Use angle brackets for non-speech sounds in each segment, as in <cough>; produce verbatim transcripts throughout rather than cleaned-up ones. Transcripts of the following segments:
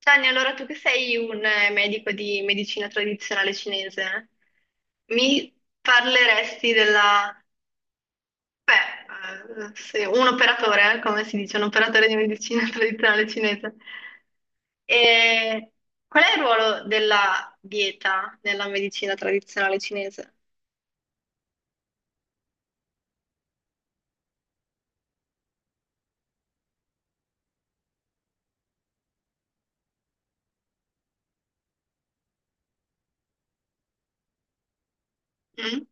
Gianni, allora tu che sei un eh, medico di medicina tradizionale cinese, mi parleresti della... Beh, eh, se- un operatore, eh, come si dice, un operatore di medicina <laughs> tradizionale cinese. E qual è il ruolo della dieta nella medicina tradizionale cinese? Mm?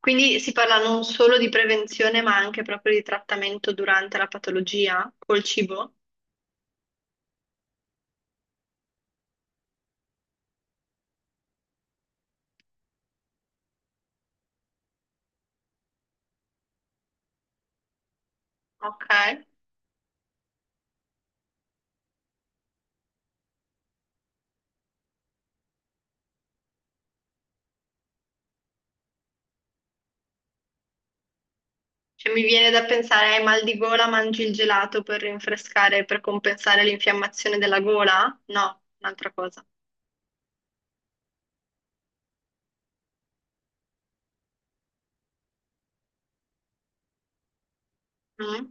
Quindi si parla non solo di prevenzione, ma anche proprio di trattamento durante la patologia col cibo? Ok. Cioè, mi viene da pensare, hai mal di gola, mangi il gelato per rinfrescare, per compensare l'infiammazione della gola? No, un'altra cosa. Mm?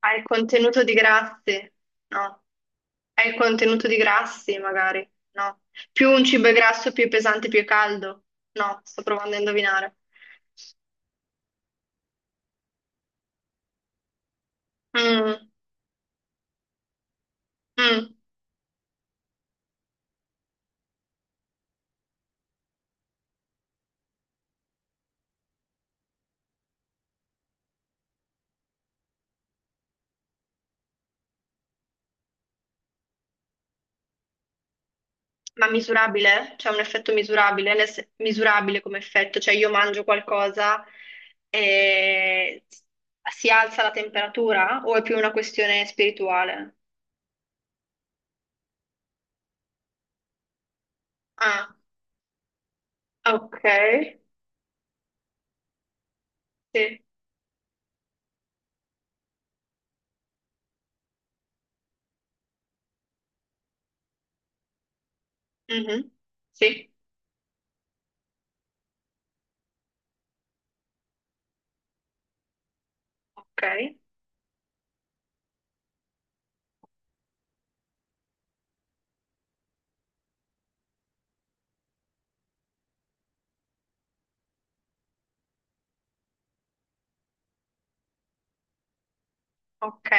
Hai il contenuto di grassi? No. Hai il contenuto di grassi, magari? No. Più un cibo è grasso, più è pesante, più è caldo? No, sto provando a indovinare. Mm, mm. Ma misurabile? C'è un effetto misurabile, nel se- misurabile come effetto, cioè io mangio qualcosa e si alza la temperatura o è più una questione spirituale? Ah, ok, sì. Mhm. Sì, ok, ok.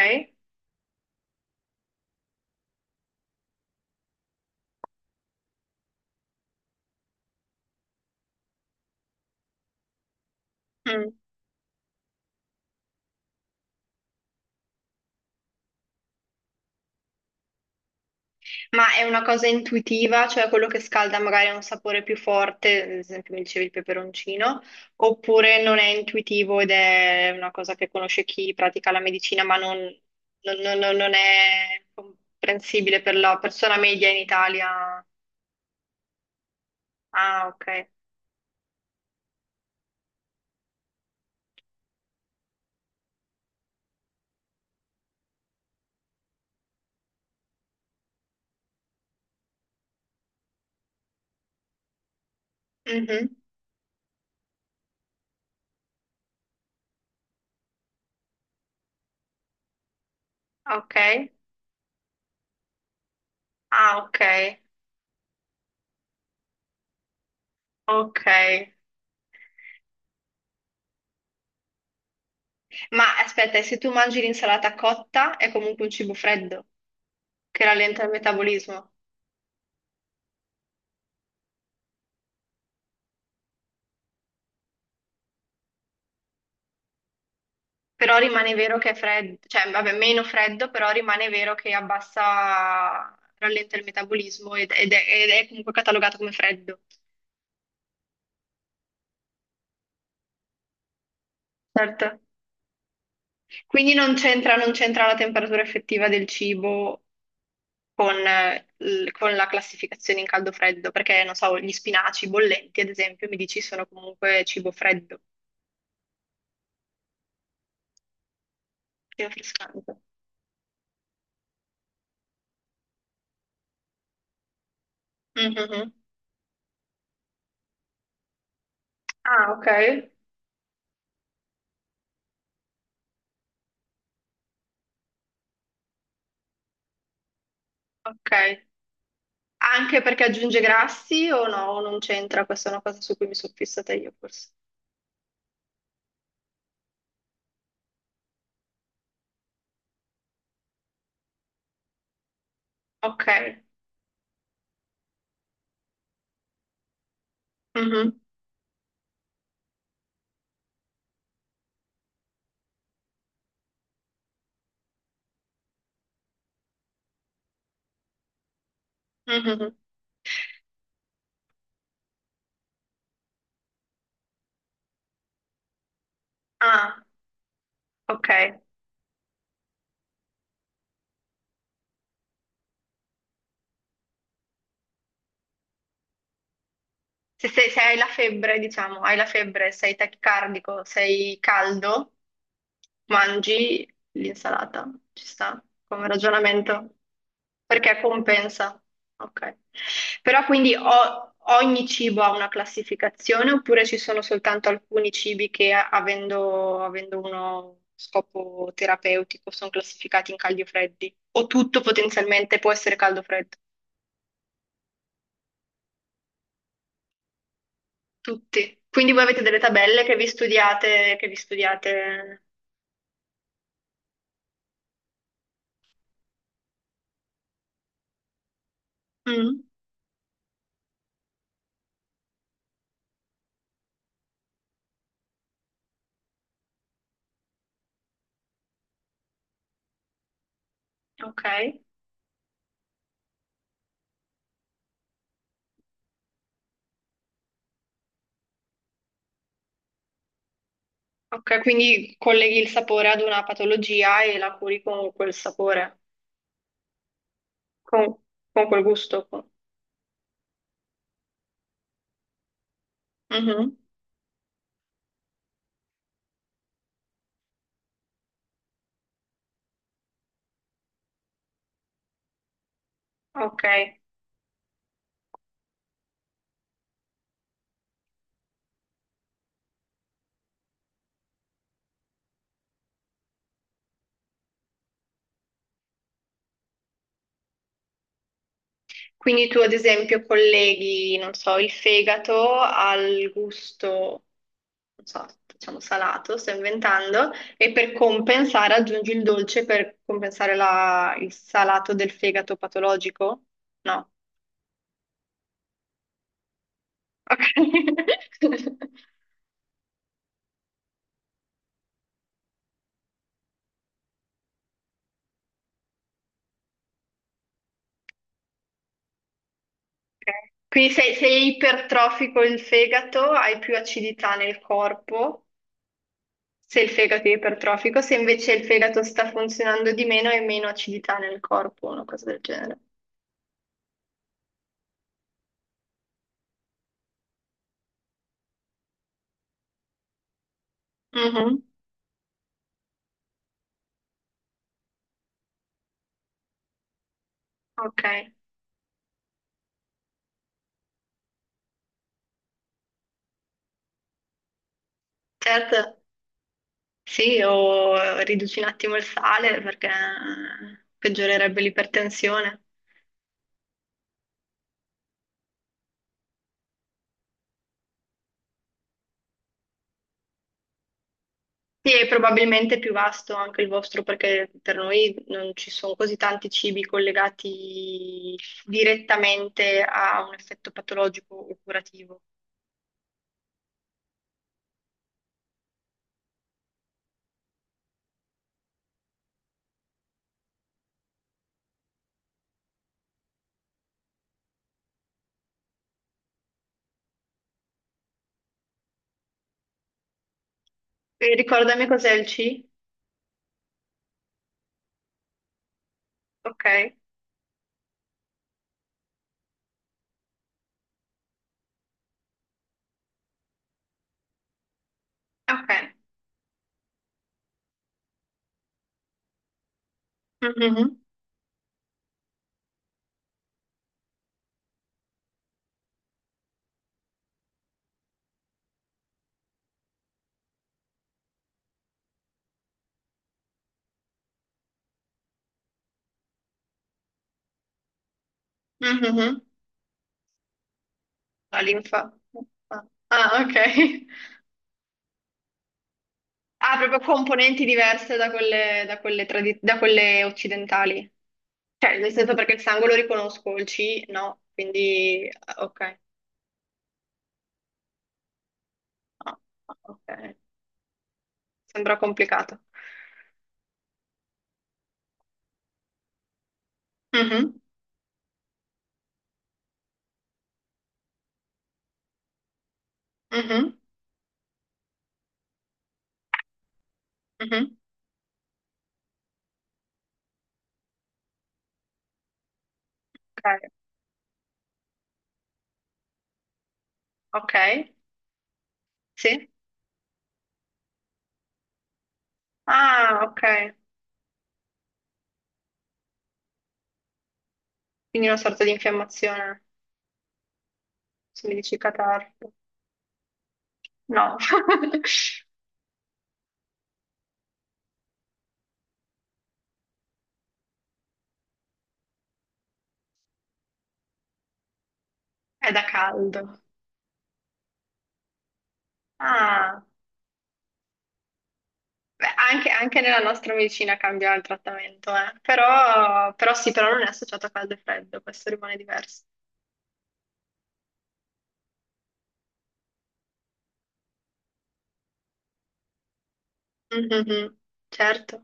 Mm. Ma è una cosa intuitiva, cioè quello che scalda magari ha un sapore più forte, ad esempio mi dicevi il peperoncino, oppure non è intuitivo ed è una cosa che conosce chi pratica la medicina, ma non, non- non- non- non è comprensibile per la persona media in Italia. Ah, ok. Mhm. Ok. Ah, ok. Ok. Ma aspetta, e se tu mangi l'insalata cotta è comunque un cibo freddo che rallenta il metabolismo? Però rimane vero che è freddo, cioè vabbè, meno freddo, però rimane vero che abbassa, rallenta il metabolismo ed, ed è, ed è comunque catalogato come freddo. Certo. Quindi non c'entra non c'entra la temperatura effettiva del cibo con, eh, l- con la classificazione in caldo-freddo, perché non so, gli spinaci bollenti, ad esempio, mi dici sono comunque cibo freddo, cibo frescante. Mhm. Ah, ok. Ok. Anche perché aggiunge grassi o no? O non c'entra, questa è una cosa su cui mi sono fissata io forse. Ok. Mhm. Mhm. Ah, ok. Se, se- se hai la febbre, diciamo, hai la febbre, sei tachicardico, sei caldo, mangi l'insalata, ci sta come ragionamento, perché compensa. Ok. Però quindi o- ogni cibo ha una classificazione oppure ci sono soltanto alcuni cibi che avendo, avendo uno scopo terapeutico sono classificati in caldi o freddi? O tutto potenzialmente può essere caldo o freddo? Tutti. Quindi voi avete delle tabelle che vi studiate, che vi studiate. Mm, ok. Ok, quindi colleghi il sapore ad una patologia e la curi con quel sapore, con, con quel gusto. Con- Mhm. Ok, quindi tu ad esempio colleghi, non so, il fegato al gusto, non so, diciamo salato, sto inventando, e per compensare aggiungi il dolce per compensare la- il salato del fegato patologico? No. Ok. <laughs> Ok. Quindi se, se è ipertrofico il fegato, hai più acidità nel corpo, se il fegato è ipertrofico, se invece il fegato sta funzionando di meno, hai meno acidità nel corpo, una cosa del genere. Mhm. Ok, certo, sì, o riduci un attimo il sale perché peggiorerebbe l'ipertensione. Sì, e probabilmente è più vasto anche il vostro perché per noi non ci sono così tanti cibi collegati direttamente a un effetto patologico o curativo. E ricordami cos'è il C? Ok, ok. Mhm, mhm. La linfa. Ah, ok. Ha proprio componenti diverse da quelle, da quelle tradi- da quelle occidentali. Cioè, nel senso perché il sangue lo riconosco, il C no, quindi ah, ok. Ah, ah, ok. Sembra complicato. Mhm, mhm, mhm. Ok, ok, sì. Ah, ok. Quindi una sorta di infiammazione, se mi dici catarro. No, <laughs> è da caldo. Ah, beh, anche, anche nella nostra medicina cambia il trattamento, eh. Però, però sì, però non è associato a caldo e freddo, questo rimane diverso. Mhm. Certo.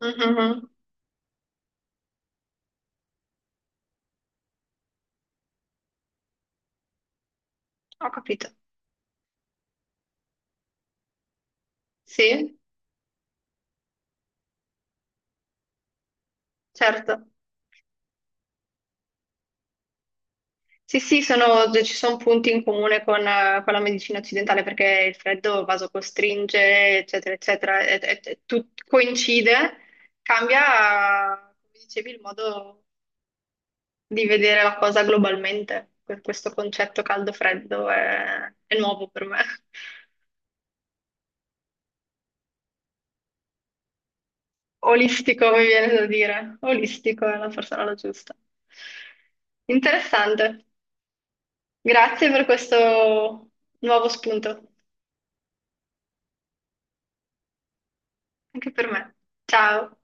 Mhm. Ho capito. Sì, certo. Sì, sì, sono- ci sono punti in comune con, eh, con la medicina occidentale perché il freddo vasocostringe, eccetera, eccetera, e, e- e tut- coincide, cambia, come dicevi, il modo di vedere la cosa globalmente. Que- Questo concetto caldo-freddo è, è nuovo per me. <laughs> Olistico, mi viene da dire. Olistico è la forse la giusta. Interessante. Grazie per questo nuovo spunto, anche per me. Ciao.